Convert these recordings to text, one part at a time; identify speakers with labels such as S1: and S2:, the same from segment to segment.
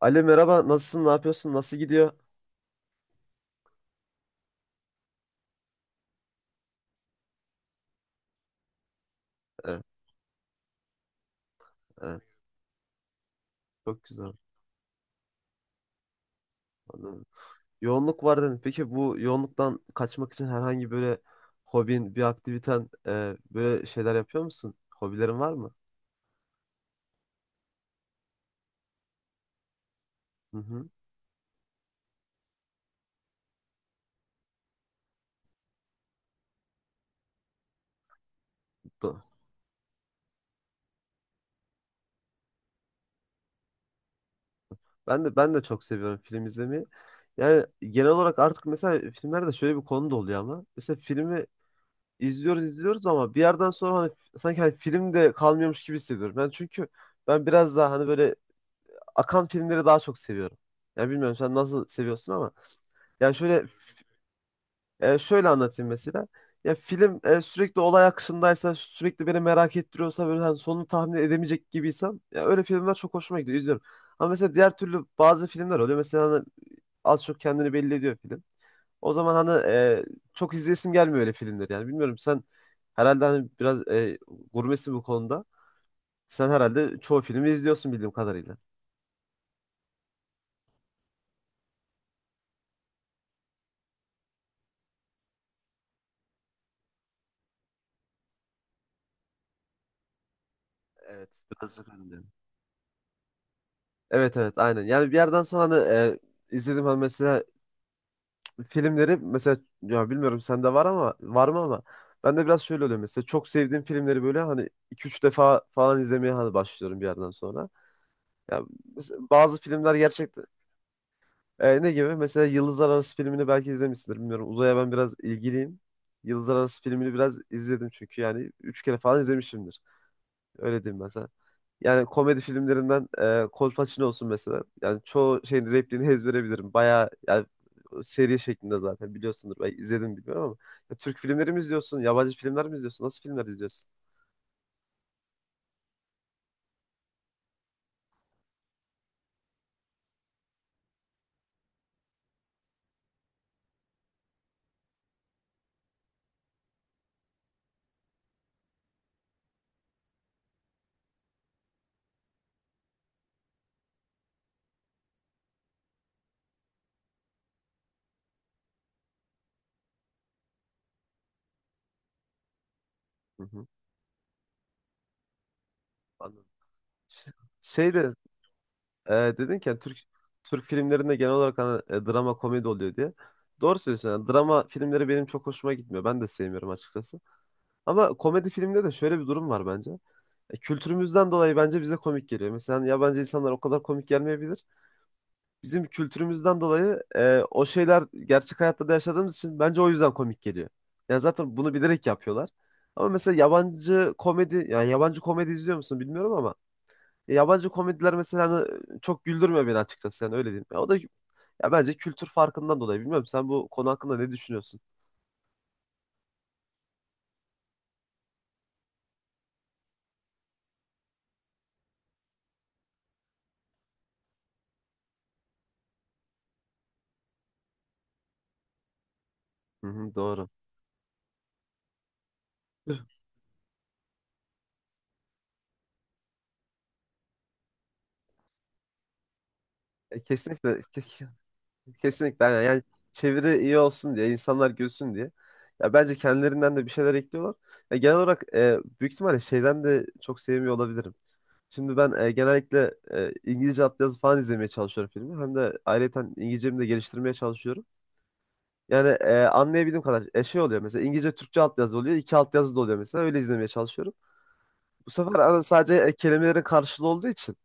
S1: Ali merhaba, nasılsın, ne yapıyorsun, nasıl gidiyor? Evet, evet, çok güzel. Anladım. Yoğunluk var dedin. Peki bu yoğunluktan kaçmak için herhangi böyle hobin, bir aktiviten, böyle şeyler yapıyor musun? Hobilerin var mı? Hı hı. Do- ben de çok seviyorum film izlemeyi. Yani genel olarak artık mesela filmlerde şöyle bir konu da oluyor ama mesela filmi izliyoruz ama bir yerden sonra hani sanki hani film de kalmıyormuş gibi hissediyorum. Çünkü ben biraz daha hani böyle akan filmleri daha çok seviyorum. Ya bilmiyorum sen nasıl seviyorsun ama yani şöyle anlatayım mesela. Ya film sürekli olay akışındaysa, sürekli beni merak ettiriyorsa böyle hani sonunu tahmin edemeyecek gibiysem ya öyle filmler çok hoşuma gidiyor, izliyorum. Ama mesela diğer türlü bazı filmler oluyor. Mesela hani az çok kendini belli ediyor film. O zaman hani çok izleyesim gelmiyor öyle filmleri yani. Bilmiyorum sen herhalde hani biraz gurmesin bu konuda. Sen herhalde çoğu filmi izliyorsun bildiğim kadarıyla. Evet, birazcık öyle. Evet evet aynen. Yani bir yerden sonra hani izledim hani mesela filmleri mesela ya bilmiyorum sende var ama var mı ama ben de biraz şöyle oluyor mesela çok sevdiğim filmleri böyle hani iki üç defa falan izlemeye hani başlıyorum bir yerden sonra. Ya mesela bazı filmler gerçekten ne gibi? Mesela Yıldızlar Arası filmini belki izlemişsindir bilmiyorum. Uzaya ben biraz ilgiliyim. Yıldızlar Arası filmini biraz izledim çünkü yani 3 kere falan izlemişimdir. Öyle diyeyim ben sana. Yani komedi filmlerinden Kolpaçino olsun mesela. Yani çoğu şeyin repliğini ezbere bilirim. Bayağı yani seri şeklinde zaten biliyorsundur. Belki izledin bilmiyorum ama. Ya, Türk filmleri mi izliyorsun? Yabancı filmler mi izliyorsun? Nasıl filmler izliyorsun? Hı hı, anladım. Ş- Şey de e, dedin ki yani Türk filmlerinde genel olarak hani, drama komedi oluyor diye. Doğru söylüyorsun. Yani drama filmleri benim çok hoşuma gitmiyor. Ben de sevmiyorum açıkçası. Ama komedi filmde de şöyle bir durum var bence. Kültürümüzden dolayı bence bize komik geliyor. Mesela hani yabancı insanlar o kadar komik gelmeyebilir. Bizim kültürümüzden dolayı o şeyler gerçek hayatta da yaşadığımız için bence o yüzden komik geliyor. Yani zaten bunu bilerek yapıyorlar. Ama mesela yabancı komedi, yani yabancı komedi izliyor musun bilmiyorum ama ya yabancı komediler mesela hani çok güldürmüyor beni açıkçası yani öyle diyeyim. Ya o da ya bence kültür farkından dolayı bilmiyorum. Sen bu konu hakkında ne düşünüyorsun? Hı hı, doğru. E, kesinlikle ke- Kesinlikle aynen. Yani çeviri iyi olsun diye, insanlar gülsün diye. Ya bence kendilerinden de bir şeyler ekliyorlar. Ya genel olarak büyük ihtimalle şeyden de çok sevmiyor olabilirim. Şimdi ben genellikle İngilizce altyazı falan izlemeye çalışıyorum filmi. Hem de ayrıca İngilizcemi de geliştirmeye çalışıyorum. Yani anlayabildiğim kadar şey oluyor mesela İngilizce Türkçe altyazı oluyor. İki altyazı da oluyor mesela öyle izlemeye çalışıyorum. Bu sefer sadece kelimelerin karşılığı olduğu için.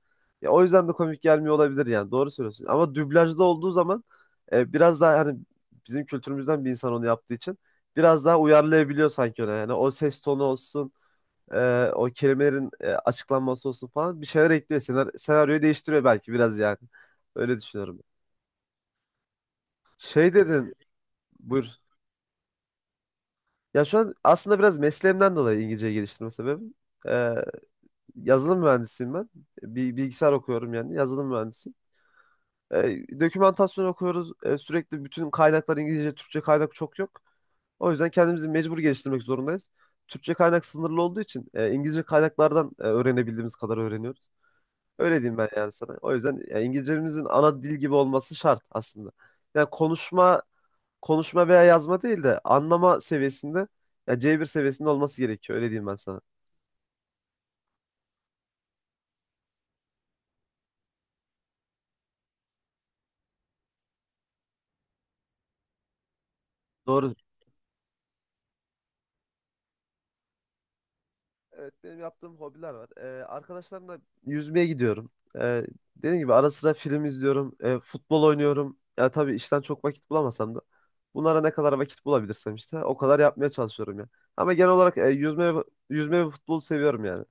S1: Ya o yüzden de komik gelmiyor olabilir yani. Doğru söylüyorsun. Ama dublajda olduğu zaman biraz daha hani bizim kültürümüzden bir insan onu yaptığı için biraz daha uyarlayabiliyor sanki ona. Yani o ses tonu olsun, o kelimelerin açıklanması olsun falan bir şeyler ekliyor. Senaryoyu değiştiriyor belki biraz yani. Öyle düşünüyorum. Şey dedin, buyur. Ya şu an aslında biraz mesleğimden dolayı İngilizce geliştirme sebebim. E, Yazılım mühendisiyim ben. Bir bilgisayar okuyorum yani yazılım mühendisi. Dokümantasyon okuyoruz. Sürekli bütün kaynaklar İngilizce, Türkçe kaynak çok yok. O yüzden kendimizi mecbur geliştirmek zorundayız. Türkçe kaynak sınırlı olduğu için İngilizce kaynaklardan öğrenebildiğimiz kadar öğreniyoruz. Öyle diyeyim ben yani sana. O yüzden ya, İngilizcemizin ana dil gibi olması şart aslında. Yani konuşma veya yazma değil de anlama seviyesinde ya C1 seviyesinde olması gerekiyor. Öyle diyeyim ben sana. Doğru. Evet benim yaptığım hobiler var. Arkadaşlarımla yüzmeye gidiyorum. Dediğim gibi ara sıra film izliyorum. Futbol oynuyorum. Ya tabii işten çok vakit bulamasam da bunlara ne kadar vakit bulabilirsem işte o kadar yapmaya çalışıyorum ya. Ama genel olarak yüzme ve futbolu seviyorum yani.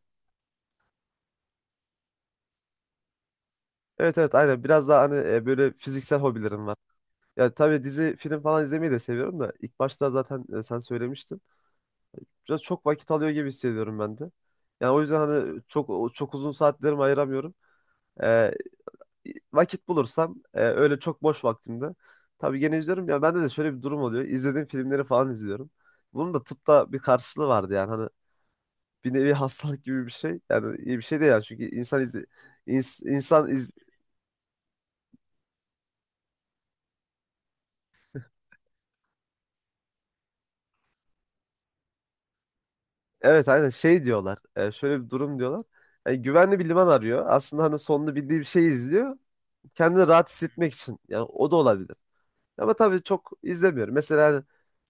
S1: Evet evet aynen biraz daha hani böyle fiziksel hobilerim var. Yani tabii dizi film falan izlemeyi de seviyorum da ilk başta zaten sen söylemiştin. Biraz çok vakit alıyor gibi hissediyorum ben de. Yani o yüzden hani çok çok uzun saatlerimi ayıramıyorum. Ee, Vakit bulursam öyle çok boş vaktimde tabii gene izliyorum ya bende de şöyle bir durum oluyor. İzlediğim filmleri falan izliyorum. Bunun da tıpta bir karşılığı vardı yani hani bir nevi hastalık gibi bir şey. Yani iyi bir şey değil yani çünkü insan izle, ins- insan iz, evet aynen şey diyorlar. Şöyle bir durum diyorlar. Yani güvenli bir liman arıyor. Aslında hani sonunu bildiği bir şey izliyor. Kendini rahat hissetmek için. Yani o da olabilir. Ama tabii çok izlemiyorum. Mesela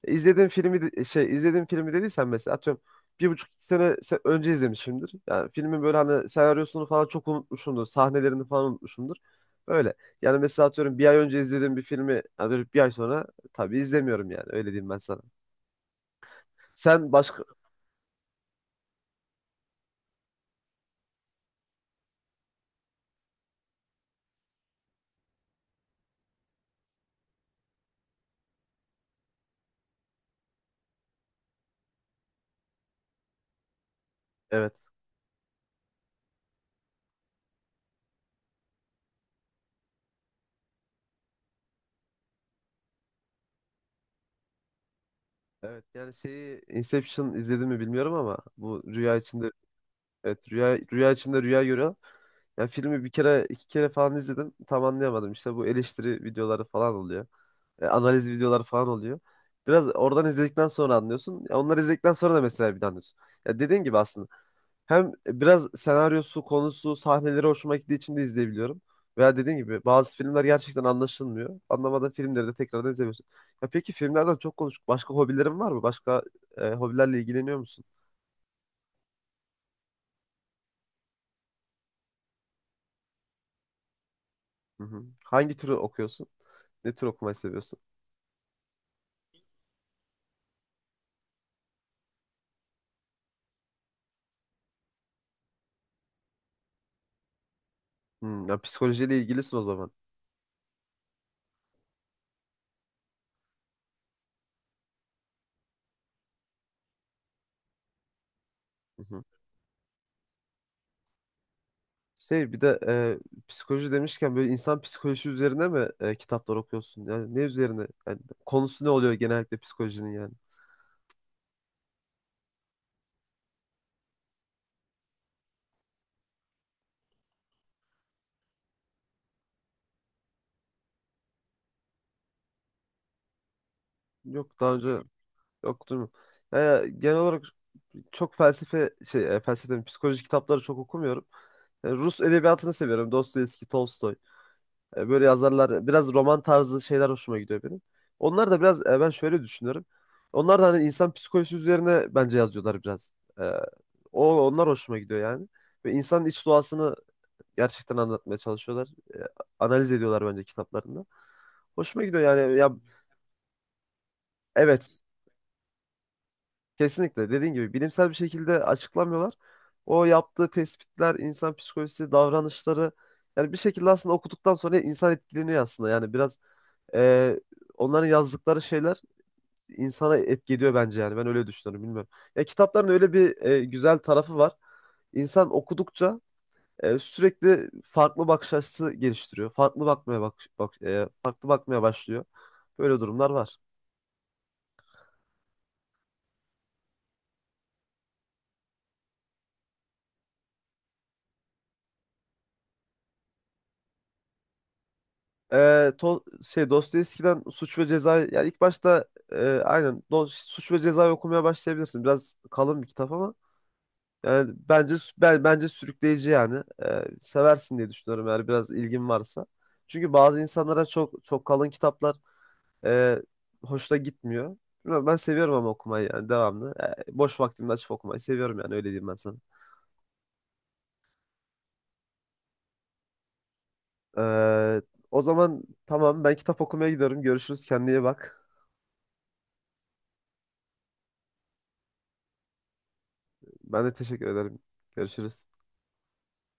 S1: şey izlediğim filmi dediysen mesela atıyorum bir buçuk iki önce izlemişimdir. Yani filmin böyle hani senaryosunu falan çok unutmuşumdur. Sahnelerini falan unutmuşumdur. Öyle. Yani mesela atıyorum bir ay önce izlediğim bir filmi yani dönüp bir ay sonra tabii izlemiyorum yani. Öyle diyeyim ben sana. Sen başka... Evet. Evet yani şeyi Inception izledin mi bilmiyorum ama bu rüya içinde. Evet rüya içinde rüya görüyorlar. Ya filmi bir kere iki kere falan izledim. Tam anlayamadım. İşte bu eleştiri videoları falan oluyor. Analiz videoları falan oluyor. Biraz oradan izledikten sonra anlıyorsun. Ya onları izledikten sonra da mesela bir de anlıyorsun. Ya dediğin gibi aslında hem biraz senaryosu, konusu, sahneleri hoşuma gittiği için de izleyebiliyorum. Veya dediğin gibi bazı filmler gerçekten anlaşılmıyor. Anlamadığın filmleri de tekrardan izlemiyorsun. Ya peki filmlerden çok konuştuk. Başka hobilerin var mı? Başka hobilerle ilgileniyor musun? Hı hı. Hangi türü okuyorsun? Ne tür okumayı seviyorsun? Hmm, ya psikolojiyle ilgilisin o zaman. Hı hı. Şey bir de psikoloji demişken böyle insan psikolojisi üzerine mi kitaplar okuyorsun? Yani ne üzerine? Yani konusu ne oluyor genellikle psikolojinin yani? Yok daha önce okudum mu? Ya genel olarak çok felsefe mi, psikoloji kitapları çok okumuyorum. Yani Rus edebiyatını seviyorum. Dostoyevski, Tolstoy. Böyle yazarlar biraz roman tarzı şeyler hoşuma gidiyor benim. Onlar da biraz ben şöyle düşünüyorum. Onlar da hani insan psikolojisi üzerine bence yazıyorlar biraz. E, o Onlar hoşuma gidiyor yani. Ve insanın iç doğasını gerçekten anlatmaya çalışıyorlar. E, Analiz ediyorlar bence kitaplarında. Hoşuma gidiyor yani. Ya evet, kesinlikle dediğin gibi bilimsel bir şekilde açıklamıyorlar. O yaptığı tespitler, insan psikolojisi, davranışları yani bir şekilde aslında okuduktan sonra insan etkileniyor aslında. Yani biraz Ee, onların yazdıkları şeyler insana etki ediyor bence yani. Ben öyle düşünüyorum bilmiyorum. Ya kitapların öyle bir güzel tarafı var. İnsan okudukça sürekli farklı bakış açısı geliştiriyor. Farklı bakmaya bak, bak e, farklı bakmaya başlıyor. Böyle durumlar var. Şey Dostoyevski'den Suç ve Ceza yani ilk başta Suç ve Ceza'yı okumaya başlayabilirsin. Biraz kalın bir kitap ama yani bence bence sürükleyici yani. Seversin diye düşünüyorum eğer biraz ilgin varsa. Çünkü bazı insanlara çok çok kalın kitaplar e, hoşuna gitmiyor. Bilmiyorum, ben seviyorum ama okumayı yani devamlı. Boş vaktimde açıp okumayı seviyorum yani öyle diyeyim ben sana. Ee, O zaman tamam ben kitap okumaya gidiyorum. Görüşürüz, kendine iyi bak. Ben de teşekkür ederim. Görüşürüz.